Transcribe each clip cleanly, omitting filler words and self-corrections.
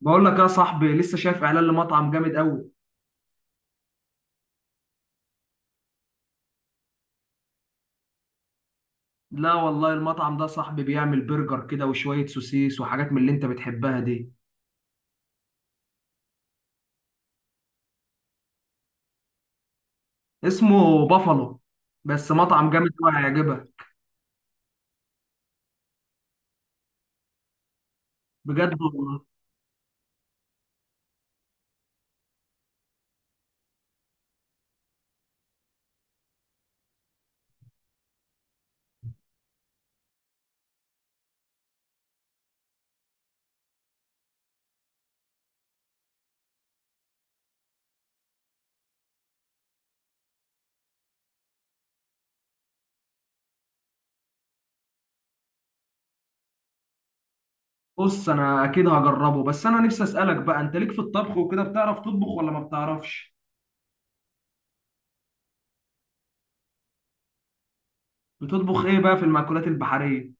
بقول لك يا صاحبي لسه شايف اعلان لمطعم جامد قوي. لا والله المطعم ده صاحبي بيعمل برجر كده وشوية سوسيس وحاجات من اللي انت بتحبها دي. اسمه بافالو، بس مطعم جامد قوي هيعجبك. بجد والله؟ بص انا اكيد هجربه، بس انا نفسي اسالك بقى، انت ليك في الطبخ وكده؟ بتعرف تطبخ ولا ما بتعرفش؟ بتطبخ ايه بقى في المأكولات البحرية؟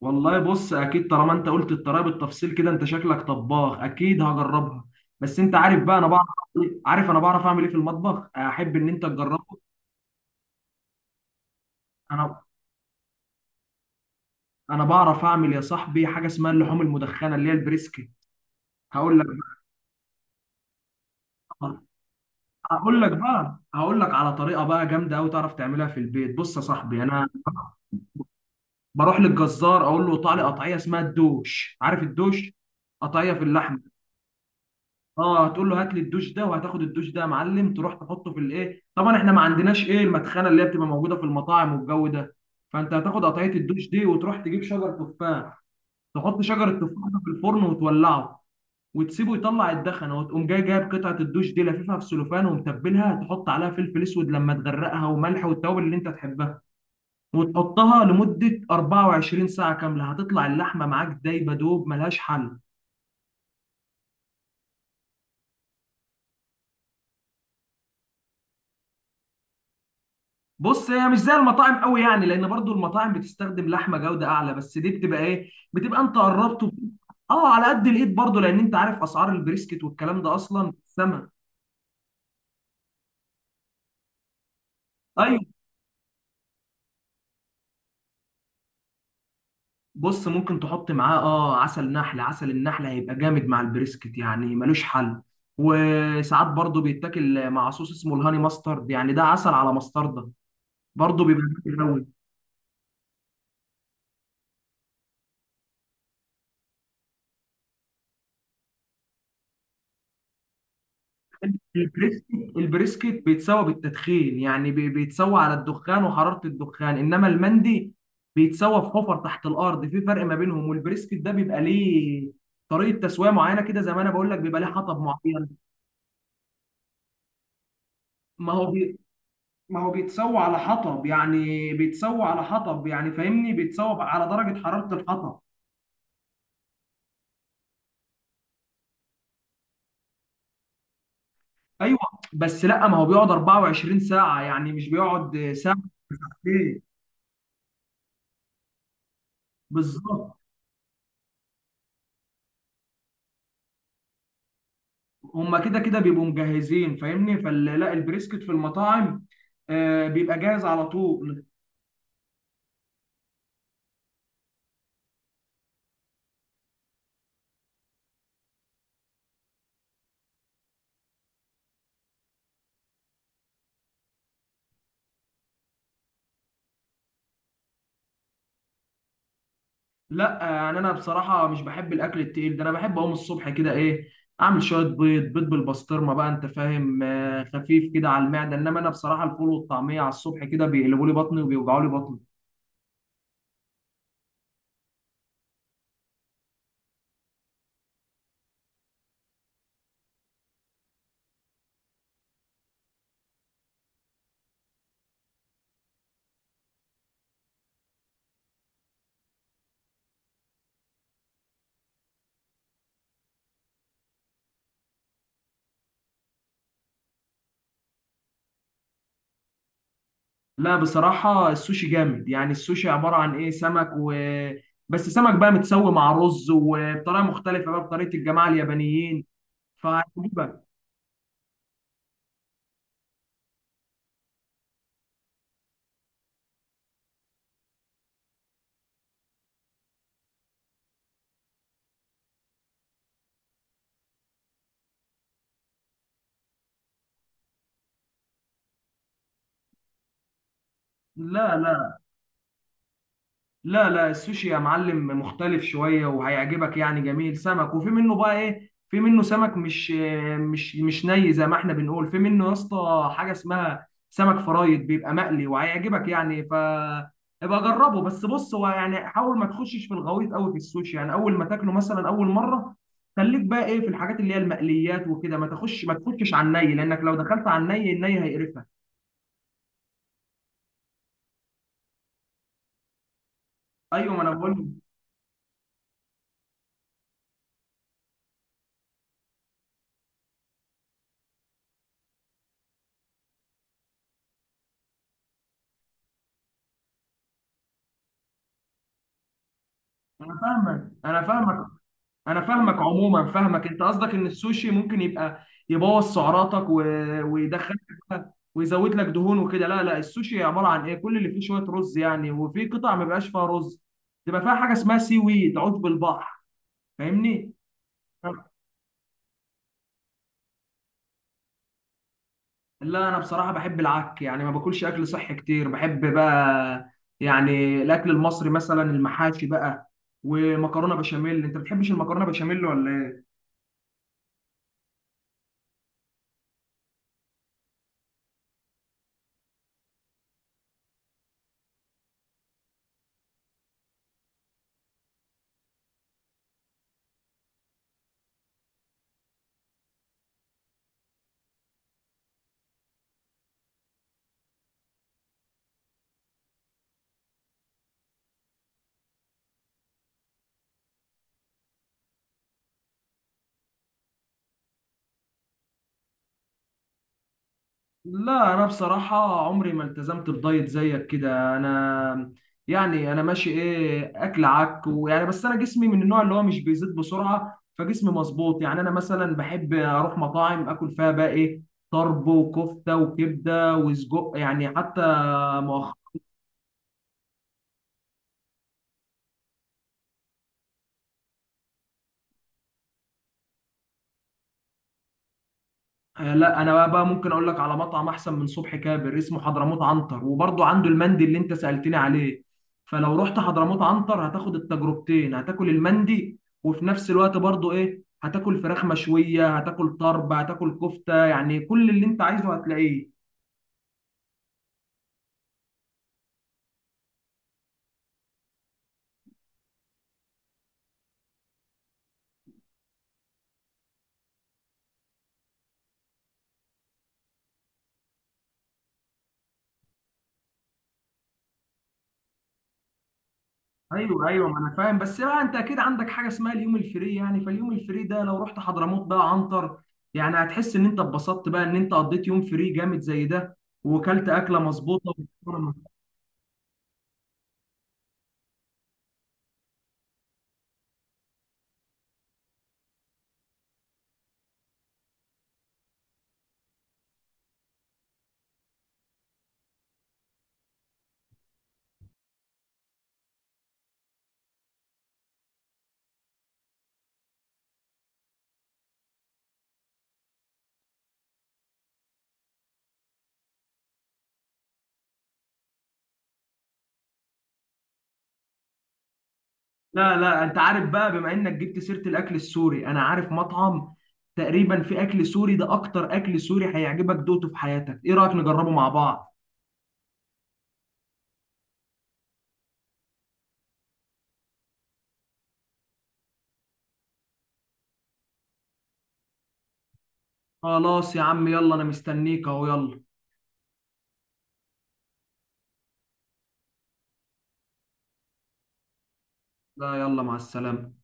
والله بص اكيد طالما انت قلت الطريقة بالتفصيل كده انت شكلك طباخ، اكيد هجربها. بس انت عارف بقى انا بعرف، عارف انا بعرف اعمل ايه في المطبخ، احب ان انت تجرب. انا انا بعرف اعمل يا صاحبي حاجه اسمها اللحوم المدخنه اللي هي البريسكي. هقول لك بقى هقول لك على طريقه بقى جامده قوي تعرف تعملها في البيت. بص يا صاحبي، انا بروح للجزار اقول له قطع لي قطعيه اسمها الدوش، عارف الدوش؟ قطعيه في اللحمه. اه، هتقول له هات لي الدوش ده، وهتاخد الدوش ده يا معلم تروح تحطه في الايه، طبعا احنا ما عندناش ايه المدخنه اللي هي بتبقى موجوده في المطاعم والجو ده. فانت هتاخد قطعيه الدوش دي وتروح تجيب شجر تفاح، تحط شجر التفاح ده في الفرن وتولعه، وتسيبه يطلع الدخنه، وتقوم جاي جايب قطعه الدوش دي لففها في سلوفان ومتبلها، تحط عليها فلفل اسود لما تغرقها وملح والتوابل اللي انت تحبها، وتحطها لمده 24 ساعه كامله. هتطلع اللحمه معاك دايبه دوب، ملهاش حل. بص هي مش زي المطاعم قوي يعني، لان برضو المطاعم بتستخدم لحمه جوده اعلى، بس دي بتبقى ايه، بتبقى انت قربت اه على قد الايد، برضو لان انت عارف اسعار البريسكت والكلام ده اصلا سما. ايوه. بص ممكن تحط معاه اه عسل نحل، عسل النحل هيبقى جامد مع البريسكت يعني ملوش حل. وساعات برضو بيتاكل مع صوص اسمه الهاني ماسترد، يعني ده عسل على مستردة، برضو بيبقى جامد قوي. البريسكت البريسكت بيتسوى بالتدخين، يعني بيتسوى على الدخان وحرارة الدخان، انما المندي بيتسوى في حفر تحت الارض. في فرق ما بينهم، والبريسكت ده بيبقى ليه طريقة تسوية معينة كده، زي ما انا بقول لك بيبقى ليه حطب معين. ما هو ما هو بيتسوى على حطب، يعني بيتسوى على حطب يعني، فاهمني؟ بيتسوى على درجة حرارة الحطب. ايوه، بس لا ما هو بيقعد 24 ساعة، يعني مش بيقعد ساعة. ايه؟ بالظبط. هما كده كده بيبقوا مجهزين فاهمني، فلا البريسكت في المطاعم آه بيبقى جاهز على طول. لا يعني انا بصراحه مش بحب الاكل التقيل ده، انا بحب اقوم الصبح كده ايه، اعمل شويه بيض بالبسطرمه، بقى انت فاهم آه، خفيف كده على المعده. انما انا بصراحه الفول والطعميه على الصبح كده بيقلبوا لي بطني وبيوجعوا لي بطني. لا بصراحه السوشي جامد يعني، السوشي عباره عن ايه، سمك و بس، سمك بقى متسوي مع رز وبطريقه مختلفه بقى، بطريقه الجماعه اليابانيين، فعجيبه. لا لا لا لا، السوشي يا معلم مختلف شوية وهيعجبك يعني جميل. سمك، وفي منه بقى ايه، في منه سمك مش ني زي ما احنا بنقول، في منه يا اسطى حاجة اسمها سمك فرايد بيبقى مقلي وهيعجبك يعني. ف ابقى جربه، بس بص هو يعني حاول ما تخشش في الغويط قوي في السوشي يعني، اول ما تاكله مثلا اول مرة خليك بقى ايه في الحاجات اللي هي المقليات وكده، ما تخشش على الني، لانك لو دخلت على الني الني هيقرفك. ايوه ما انا بقول. انا فاهمك انا فاهمك انا فاهمك عموما فاهمك، انت قصدك ان السوشي ممكن يبقى يبوظ سعراتك و... ويدخلك بقى ويزود لك دهون وكده. لا لا السوشي عباره عن ايه، كل اللي فيه شويه رز يعني، وفي قطع ما بيبقاش فيها رز، تبقى فيها حاجه اسمها سي ويد، عشب البحر، فاهمني؟ لا انا بصراحه بحب العك يعني، ما باكلش اكل صحي كتير، بحب بقى يعني الاكل المصري مثلا، المحاشي بقى، ومكرونه بشاميل. انت بتحبش المكرونه بشاميل ولا؟ لا انا بصراحه عمري ما التزمت بدايت زيك كده، انا يعني انا ماشي ايه اكل عك ويعني، بس انا جسمي من النوع اللي هو مش بيزيد بسرعه، فجسمي مظبوط يعني. انا مثلا بحب اروح مطاعم اكل فيها بقى ايه، طرب وكفته وكبده وسجق يعني حتى. آه، لا انا بقى، ممكن اقول لك على مطعم احسن من صبحي كابر، اسمه حضرموت عنتر، وبرضه عنده المندي اللي انت سألتني عليه. فلو رحت حضرموت عنتر هتاخد التجربتين، هتاكل المندي، وفي نفس الوقت برضه ايه هتاكل فراخ مشوية، هتاكل طرب، هتاكل كفتة، يعني كل اللي انت عايزه هتلاقيه. ايوه ايوه ما انا فاهم. بس بقى انت اكيد عندك حاجه اسمها اليوم الفري يعني، فاليوم الفري ده لو رحت حضرموت بقى عنتر يعني هتحس ان انت اتبسطت بقى، ان انت قضيت يوم فري جامد زي ده وكلت اكله مظبوطه. لا لا انت عارف بقى، بما انك جبت سيرة الاكل السوري، انا عارف مطعم تقريبا في اكل سوري ده، اكتر اكل سوري هيعجبك دوقته في حياتك. ايه رأيك نجربه مع بعض؟ خلاص يا عم، يلا انا مستنيك اهو، يلا. لا، يلا مع السلامة.